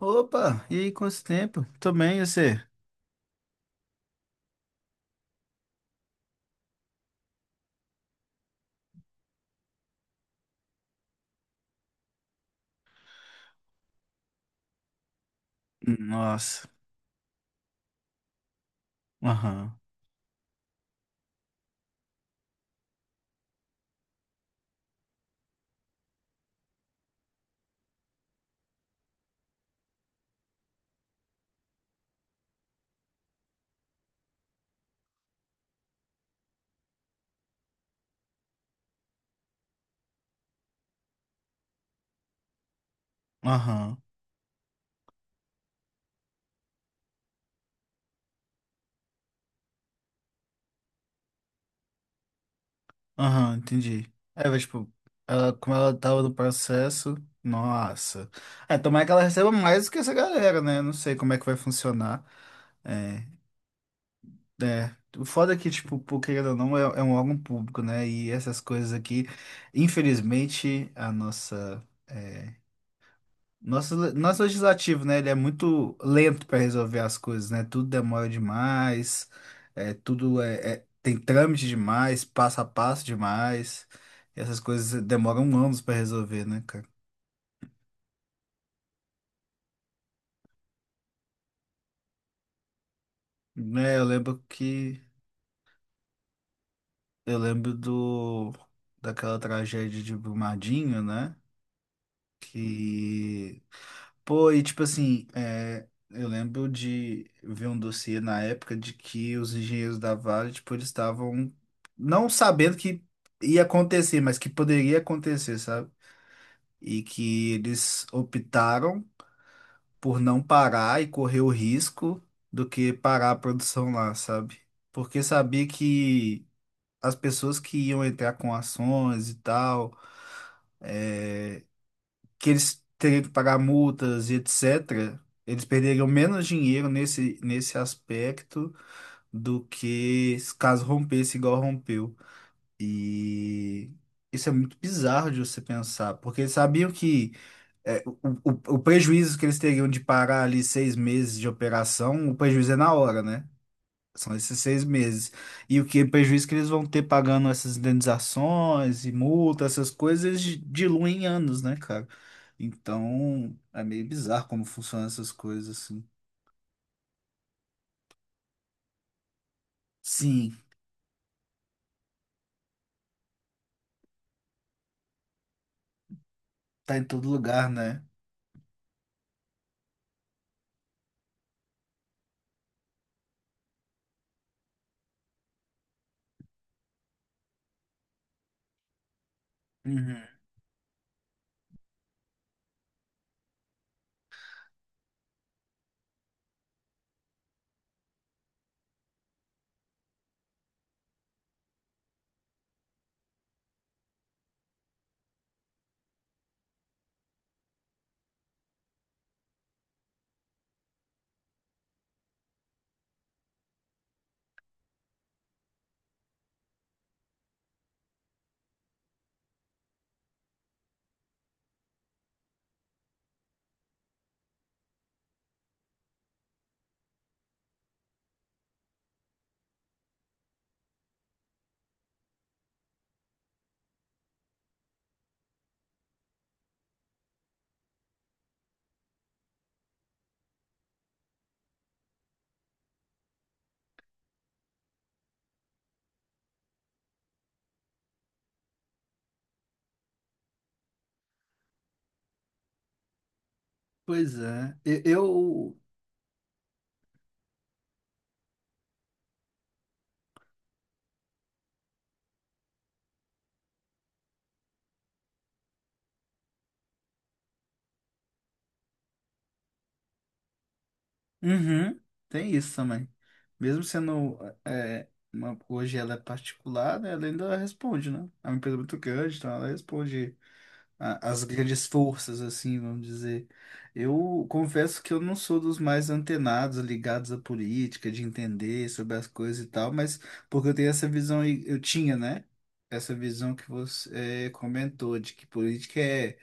Opa, e aí, quanto tempo? Tô bem, e você? Nossa, aham, aham, aham, entendi. É, mas, tipo, como ela tava no processo, nossa. É, tomara que ela receba mais do que essa galera, né? Não sei como é que vai funcionar. É, é. O foda é que, tipo, por querendo ou não, é um órgão público, né? E essas coisas aqui, infelizmente, a nossa. É, Nosso, nosso legislativo, né? Ele é muito lento para resolver as coisas, né? Tudo demora demais, tudo tem trâmite demais, passo a passo demais. E essas coisas demoram anos para resolver, né, cara? Né, eu lembro do daquela tragédia de Brumadinho, né? Que Pô, e tipo assim, eu lembro de ver um dossiê na época de que os engenheiros da Vale, tipo, eles estavam não sabendo que ia acontecer, mas que poderia acontecer, sabe? E que eles optaram por não parar e correr o risco do que parar a produção lá, sabe? Porque sabia que as pessoas que iam entrar com ações e tal é, que eles teriam que pagar multas e etc., eles perderiam menos dinheiro nesse aspecto do que se caso rompesse igual rompeu. E isso é muito bizarro de você pensar, porque eles sabiam que é, o, o prejuízo que eles teriam de parar ali 6 meses de operação, o prejuízo é na hora, né? São esses 6 meses. E o que prejuízo que eles vão ter pagando essas indenizações e multa, essas coisas, eles diluem em anos, né, cara? Então, é meio bizarro como funcionam essas coisas, assim. Sim, tá em todo lugar, né? Uhum. Pois é. Eu. Uhum. Tem isso também. Mesmo sendo. Hoje ela é particular, né? Ela ainda responde, né? É uma empresa muito grande, então ela responde as grandes forças, assim, vamos dizer. Eu confesso que eu não sou dos mais antenados, ligados à política, de entender sobre as coisas e tal, mas porque eu tenho essa visão, eu tinha, né? Essa visão que você comentou, de que política é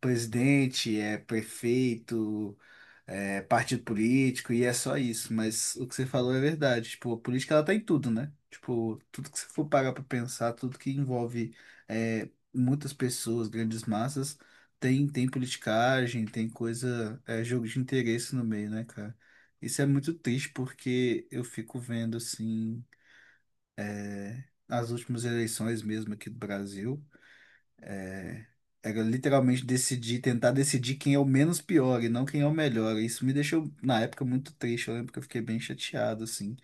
presidente, é prefeito, é partido político e é só isso. Mas o que você falou é verdade. Tipo, a política ela tá em tudo, né? Tipo, tudo que você for parar pra pensar, tudo que envolve é, muitas pessoas, grandes massas, tem politicagem, tem coisa, jogo de interesse no meio, né, cara? Isso é muito triste porque eu fico vendo, assim, as últimas eleições mesmo aqui do Brasil. Era literalmente decidir, tentar decidir quem é o menos pior e não quem é o melhor. Isso me deixou, na época, muito triste. Eu lembro que eu fiquei bem chateado, assim.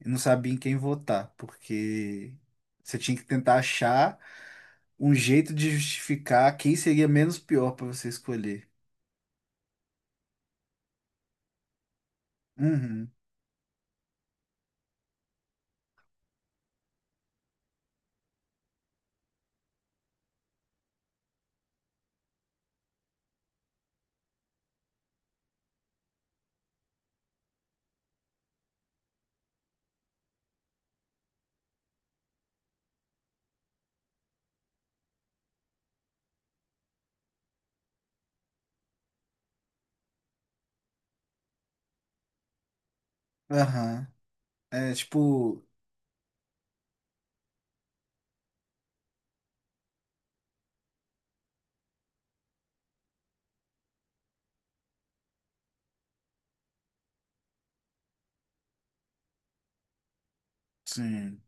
Eu não sabia em quem votar, porque você tinha que tentar achar um jeito de justificar quem seria menos pior para você escolher. Uhum. Aham. É tipo. Sim.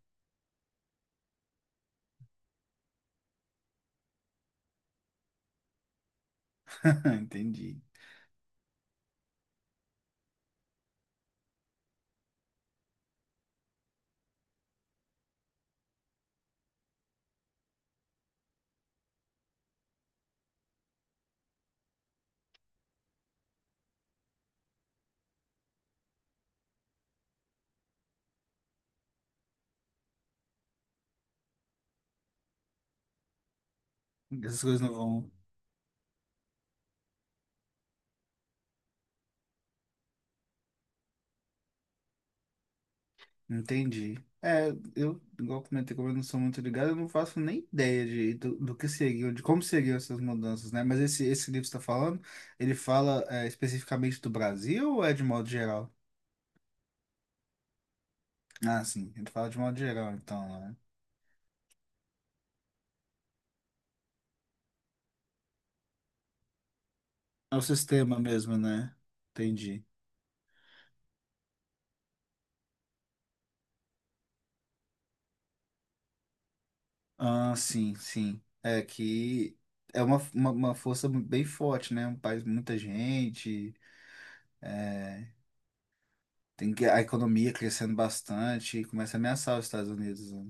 Entendi. Essas coisas não vão. Entendi. É, eu, igual comentei, como eu não sou muito ligado, eu não faço nem ideia do que seguiu, de como seguiu essas mudanças, né? Mas esse livro que você está falando, ele fala especificamente do Brasil ou é de modo geral? Ah, sim, ele fala de modo geral, então, né? É o sistema mesmo, né? Entendi. Ah, sim, sim. É que é uma força bem forte, né? Um país, muita gente, tem que, a economia crescendo bastante, começa a ameaçar os Estados Unidos, né?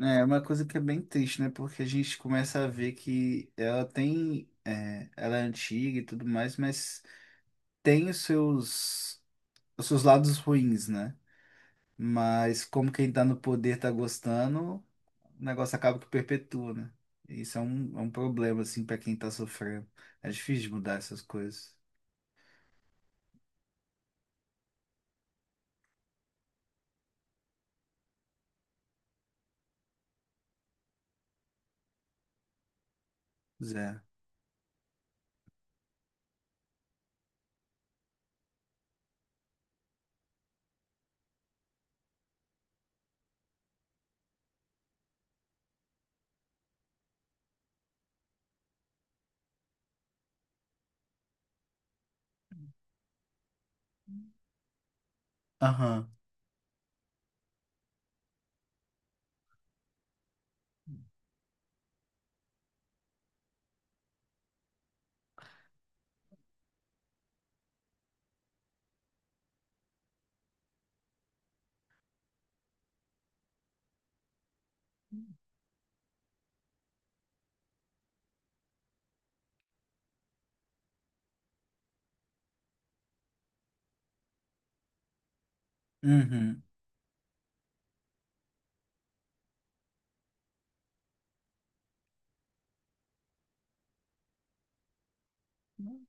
É uma coisa que é bem triste, né? Porque a gente começa a ver que ela tem, ela é antiga e tudo mais, mas tem os seus lados ruins, né? Mas como quem tá no poder tá gostando, o negócio acaba que perpetua, né? E isso é um problema, assim, pra quem tá sofrendo. É difícil de mudar essas coisas. Zé. Aham. Uhum.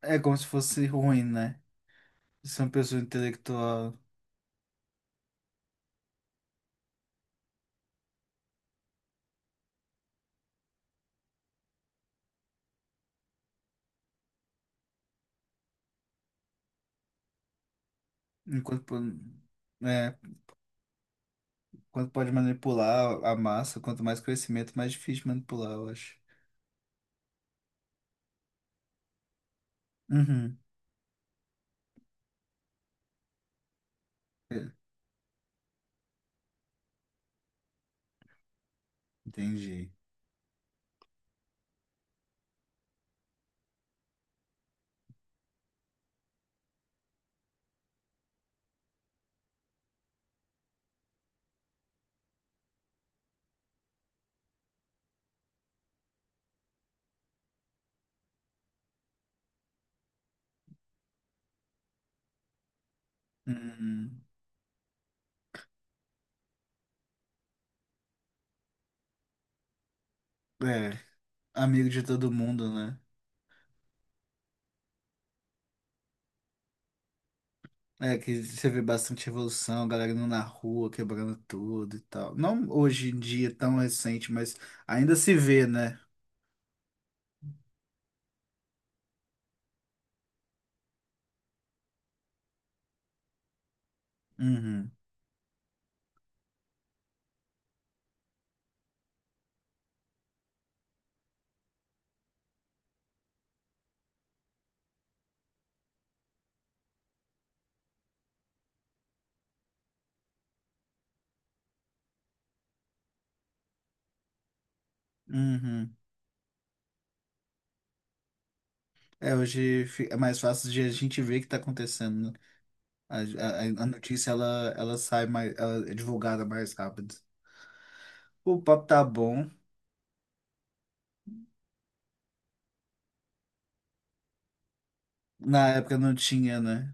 É como se fosse ruim, né? Ser uma pessoa intelectual, enquanto, é, quanto pode manipular a massa, quanto mais conhecimento mais difícil de manipular, eu acho. Uhum. É, entendi. Hum, é, amigo de todo mundo, né? É, que você vê bastante revolução, galera indo na rua, quebrando tudo e tal. Não hoje em dia tão recente, mas ainda se vê, né? Uhum, uhum. É, hoje é mais fácil de a gente ver o que tá acontecendo, né? A notícia, ela sai mais, ela é divulgada mais rápido. O papo tá bom. Na época não tinha, né?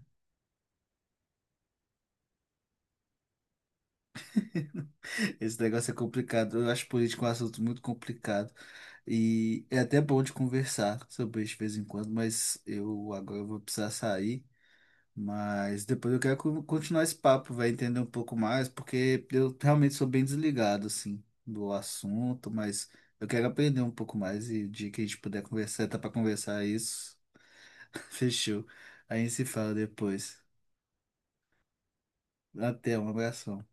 Esse negócio é complicado. Eu acho política um assunto muito complicado. E é até bom de conversar sobre isso de vez em quando, mas eu agora vou precisar sair. Mas depois eu quero continuar esse papo, vai entender um pouco mais, porque eu realmente sou bem desligado, assim, do assunto, mas eu quero aprender um pouco mais e o dia que a gente puder conversar, tá pra conversar é isso, fechou. Aí se fala depois. Até, um abração.